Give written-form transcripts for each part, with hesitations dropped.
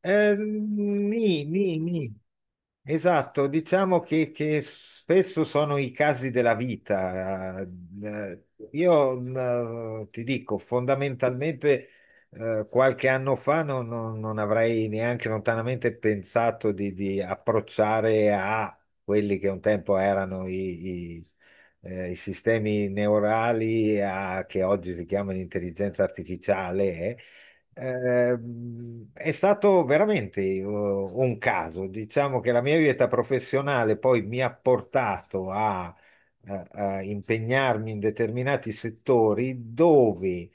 Nì, nì, nì. Esatto, diciamo che spesso sono i casi della vita. Io ti dico, fondamentalmente qualche anno fa non avrei neanche lontanamente pensato di approcciare a quelli che un tempo erano i sistemi neurali che oggi si chiamano intelligenza artificiale. È stato veramente un caso. Diciamo che la mia vita professionale poi mi ha portato a impegnarmi in determinati settori dove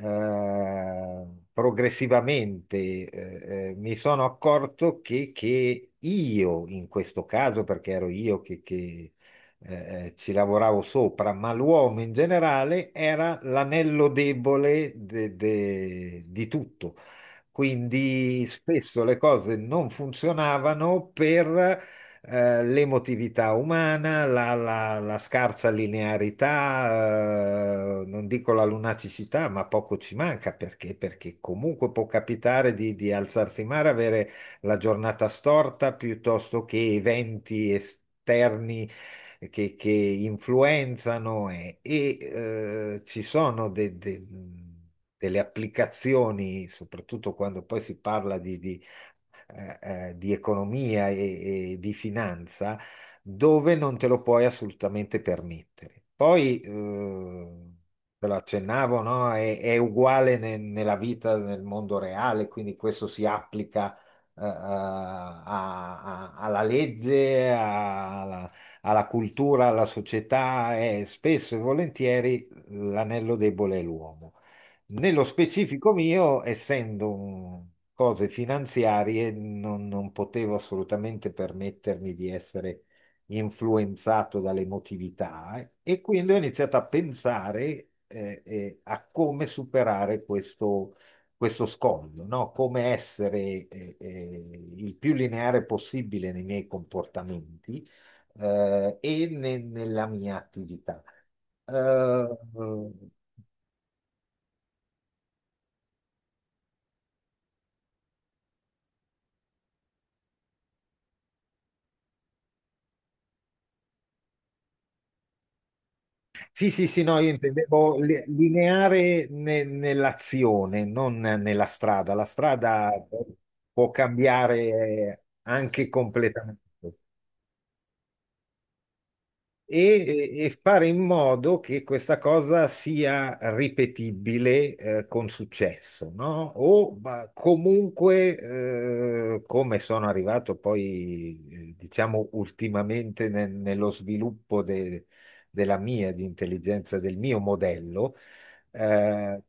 eh, progressivamente mi sono accorto che io, in questo caso, perché ero io ci lavoravo sopra, ma l'uomo in generale era l'anello debole di tutto. Quindi spesso le cose non funzionavano per l'emotività umana, la scarsa linearità, non dico la lunacicità, ma poco ci manca perché comunque può capitare di alzarsi in mare, avere la giornata storta piuttosto che eventi esterni che influenzano e, ci sono delle applicazioni, soprattutto quando poi si parla eh, di economia e di finanza dove non te lo puoi assolutamente permettere. Poi, te lo accennavo, no? È uguale nella vita, nel mondo reale, quindi questo si applica. Alla legge, alla cultura, alla società e spesso e volentieri l'anello debole è l'uomo. Nello specifico mio, essendo cose finanziarie, non potevo assolutamente permettermi di essere influenzato dall'emotività e quindi ho iniziato a pensare a come superare questo, questo scoglio, no? Come essere il più lineare possibile nei miei comportamenti e nella mia attività. Eh, Sì, sì, sì, no, io intendevo lineare nell'azione, non nella strada. La strada può cambiare anche completamente e fare in modo che questa cosa sia ripetibile, con successo, no? O ma comunque, come sono arrivato poi, diciamo, ultimamente nello sviluppo della mia, di intelligenza, del mio modello, eh,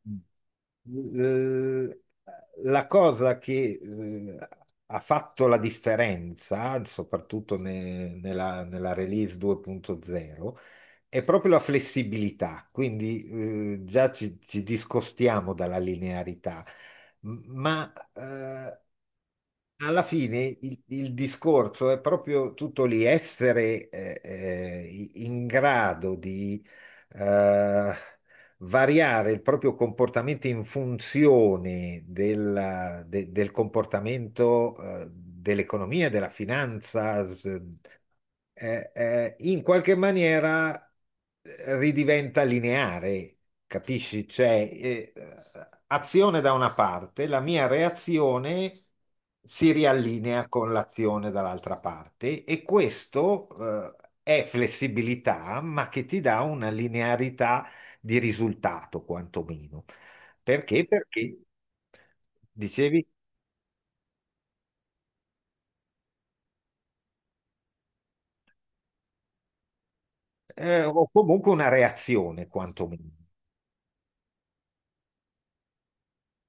la cosa che ha fatto la differenza, soprattutto nella release 2.0, è proprio la flessibilità. Quindi già ci discostiamo dalla linearità, ma alla fine il discorso è proprio tutto lì, essere in grado di eh, variare il proprio comportamento in funzione del comportamento, dell'economia, della finanza, in qualche maniera ridiventa lineare, capisci? Cioè, azione da una parte, la mia reazione si riallinea con l'azione dall'altra parte e questo, è flessibilità, ma che ti dà una linearità di risultato quantomeno. Perché? Perché dicevi, o comunque una reazione quantomeno.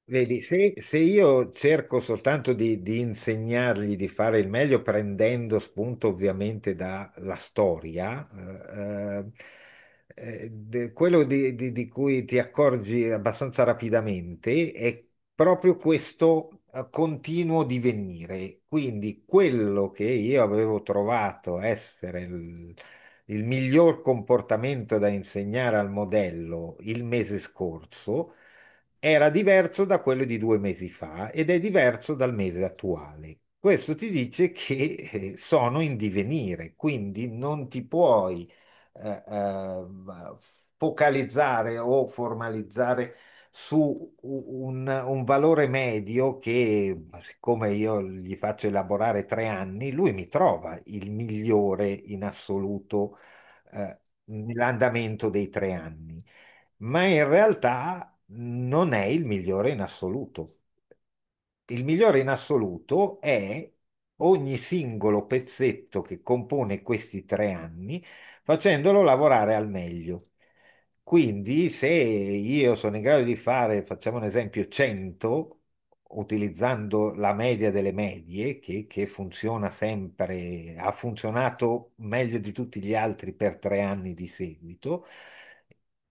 Vedi, se io cerco soltanto di insegnargli di fare il meglio, prendendo spunto ovviamente dalla storia, eh, quello di cui ti accorgi abbastanza rapidamente è proprio questo continuo divenire. Quindi quello che io avevo trovato essere il miglior comportamento da insegnare al modello il mese scorso era diverso da quello di 2 mesi fa ed è diverso dal mese attuale. Questo ti dice che sono in divenire, quindi non ti puoi eh, eh, focalizzare o formalizzare su un valore medio che, siccome io gli faccio elaborare 3 anni, lui mi trova il migliore in assoluto eh, nell'andamento dei 3 anni ma in realtà non è il migliore in assoluto. Il migliore in assoluto è ogni singolo pezzetto che compone questi 3 anni, facendolo lavorare al meglio. Quindi, se io sono in grado di fare, facciamo un esempio, 100, utilizzando la media delle medie, che funziona sempre, ha funzionato meglio di tutti gli altri per 3 anni di seguito,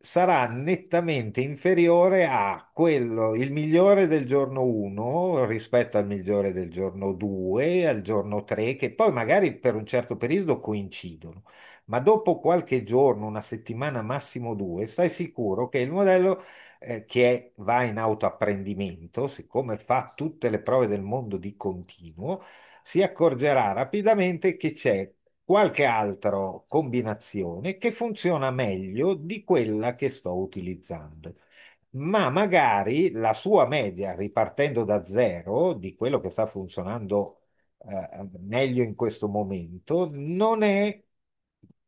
sarà nettamente inferiore a quello, il migliore del giorno 1 rispetto al migliore del giorno 2, al giorno 3, che poi magari per un certo periodo coincidono, ma dopo qualche giorno, una settimana, massimo due, stai sicuro che il modello che va in autoapprendimento, siccome fa tutte le prove del mondo di continuo, si accorgerà rapidamente che c'è qualche altra combinazione che funziona meglio di quella che sto utilizzando. Ma magari la sua media, ripartendo da zero, di quello che sta funzionando meglio in questo momento, non è,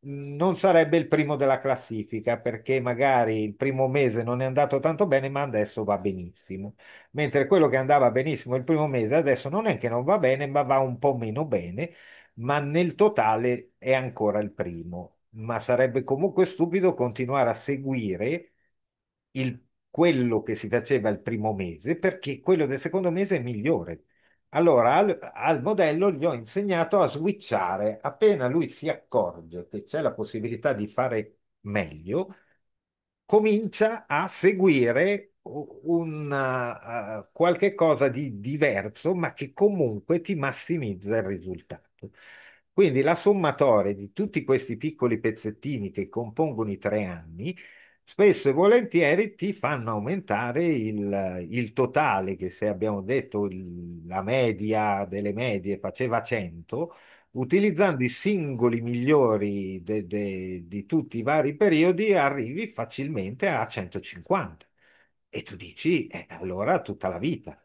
non sarebbe il primo della classifica perché magari il primo mese non è andato tanto bene, ma adesso va benissimo. Mentre quello che andava benissimo il primo mese, adesso non è che non va bene, ma va un po' meno bene, ma nel totale è ancora il primo. Ma sarebbe comunque stupido continuare a seguire il- quello che si faceva il primo mese, perché quello del secondo mese è migliore. Allora, al modello gli ho insegnato a switchare. Appena lui si accorge che c'è la possibilità di fare meglio, comincia a seguire un qualche cosa di diverso, ma che comunque ti massimizza il risultato. Quindi la sommatoria di tutti questi piccoli pezzettini che compongono i 3 anni, spesso e volentieri ti fanno aumentare il totale, che se abbiamo detto la media delle medie faceva 100, utilizzando i singoli migliori di tutti i vari periodi, arrivi facilmente a 150. E tu dici, allora tutta la vita.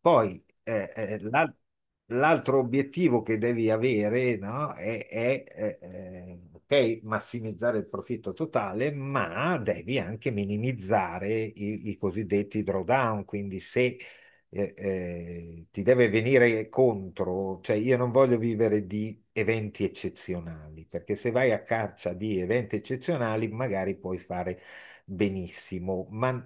Poi l'altro obiettivo che devi avere, no, è, ok, massimizzare il profitto totale, ma devi anche minimizzare i cosiddetti drawdown. Quindi se ti deve venire contro, cioè io non voglio vivere di eventi eccezionali, perché se vai a caccia di eventi eccezionali magari puoi fare benissimo, ma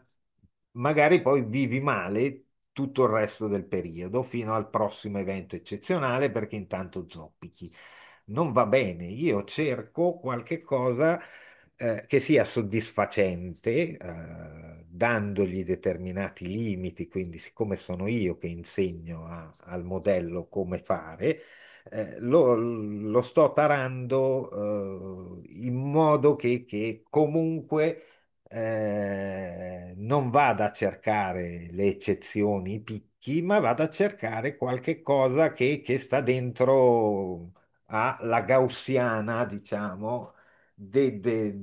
magari poi vivi male tutto il resto del periodo fino al prossimo evento eccezionale perché intanto zoppichi. Non va bene, io cerco qualche cosa che sia soddisfacente, dandogli determinati limiti, quindi siccome sono io che insegno al modello come fare, lo sto tarando, in modo che comunque non vada a cercare le eccezioni, i picchi, ma vada a cercare qualche cosa che sta dentro alla gaussiana, diciamo, de- de-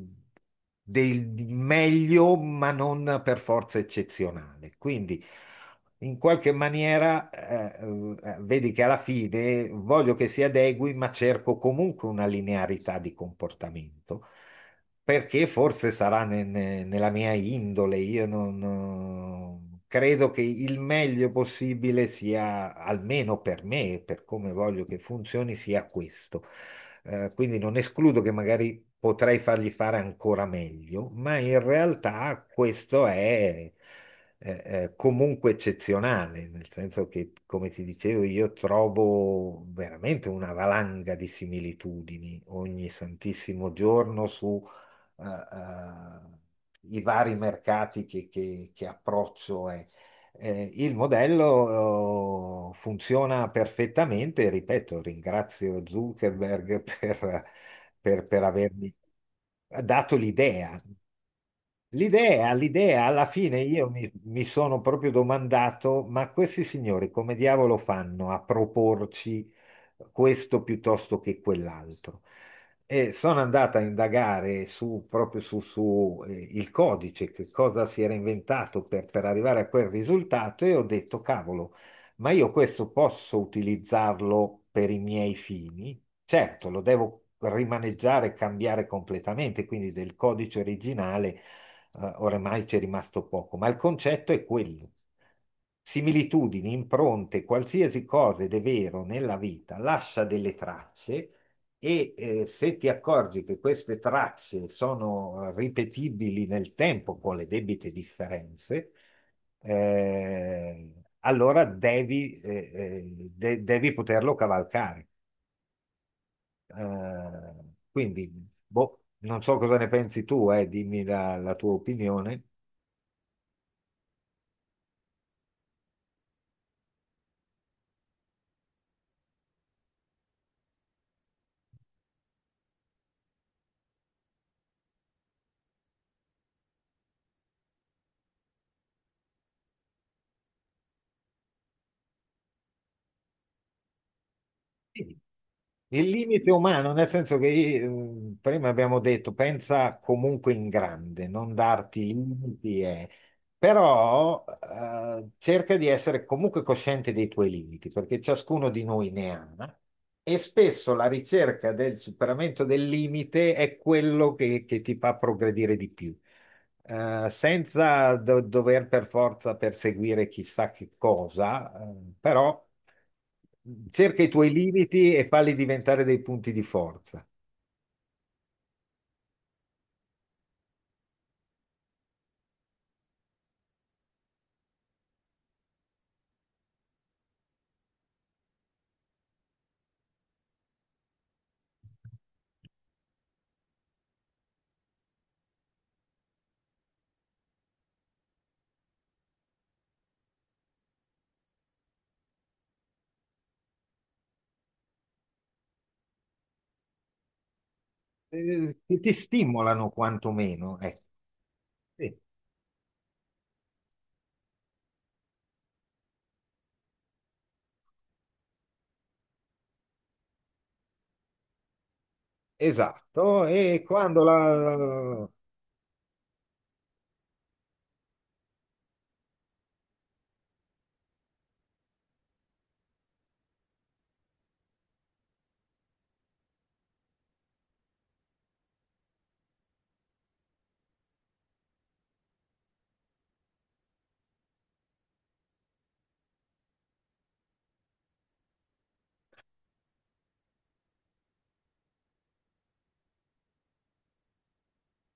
del meglio, ma non per forza eccezionale. Quindi, in qualche maniera, vedi che alla fine voglio che si adegui, ma cerco comunque una linearità di comportamento perché forse sarà nella mia indole, io non credo che il meglio possibile sia, almeno per me, per come voglio che funzioni, sia questo. Quindi non escludo che magari potrei fargli fare ancora meglio, ma in realtà questo è comunque eccezionale, nel senso che, come ti dicevo, io trovo veramente una valanga di similitudini ogni santissimo giorno su eh, eh, i vari mercati che approccio è. Il modello funziona perfettamente, ripeto, ringrazio Zuckerberg per avermi dato l'idea. L'idea, l'idea, alla fine io mi sono proprio domandato, ma questi signori come diavolo fanno a proporci questo piuttosto che quell'altro? E sono andata a indagare proprio su, il codice, che cosa si era inventato per arrivare a quel risultato e ho detto, cavolo, ma io questo posso utilizzarlo per i miei fini? Certo, lo devo rimaneggiare e cambiare completamente, quindi del codice originale, oramai c'è rimasto poco, ma il concetto è quello. Similitudini, impronte, qualsiasi cosa ed è vero nella vita, lascia delle tracce e se ti accorgi che queste tracce sono ripetibili nel tempo con le debite differenze, eh, allora devi poterlo cavalcare. Eh, quindi, boh, non so cosa ne pensi tu, dimmi la tua opinione. Sì. Il limite umano, nel senso che prima abbiamo detto, pensa comunque in grande, non darti limiti, eh. Però cerca di essere comunque cosciente dei tuoi limiti, perché ciascuno di noi ne ha, e spesso la ricerca del superamento del limite è quello che ti fa progredire di più senza dover per forza perseguire chissà che cosa, però cerca i tuoi limiti e falli diventare dei punti di forza, che ti stimolano quantomeno. Ecco. Sì, esatto, e quando la.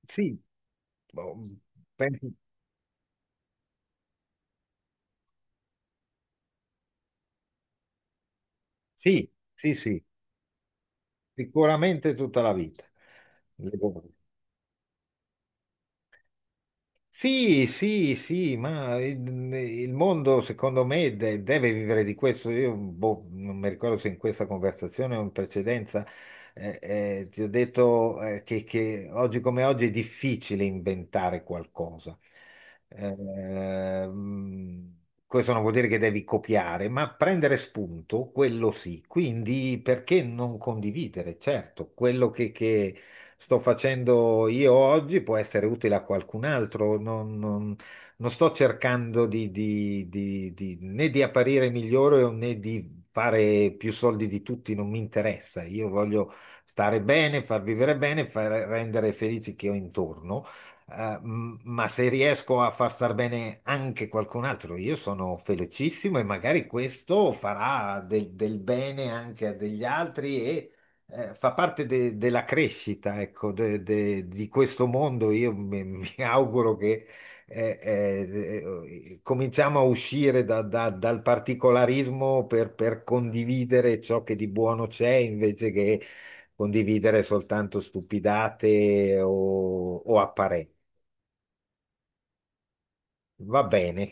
Sì, boh, penso- sì, sì, sì, sicuramente tutta la vita. Sì, sì, sì, ma il mondo secondo me deve vivere di questo. Io boh, non mi ricordo se in questa conversazione o in precedenza ti ho detto che oggi come oggi è difficile inventare qualcosa. Ehm, questo non vuol dire che devi copiare, ma prendere spunto, quello sì. Quindi perché non condividere? Certo, quello sto facendo io oggi può essere utile a qualcun altro. Non sto cercando né di apparire migliore né di fare più soldi di tutti, non mi interessa. Io voglio stare bene, far vivere bene, far rendere felici chi ho intorno. Ma se riesco a far star bene anche qualcun altro, io sono felicissimo e magari questo farà del bene anche a degli altri, fa parte della crescita, ecco, di questo mondo. Io mi, mi auguro che eh, eh, cominciamo a uscire dal particolarismo per condividere ciò che di buono c'è, invece che condividere soltanto stupidate o apparenze. Va bene.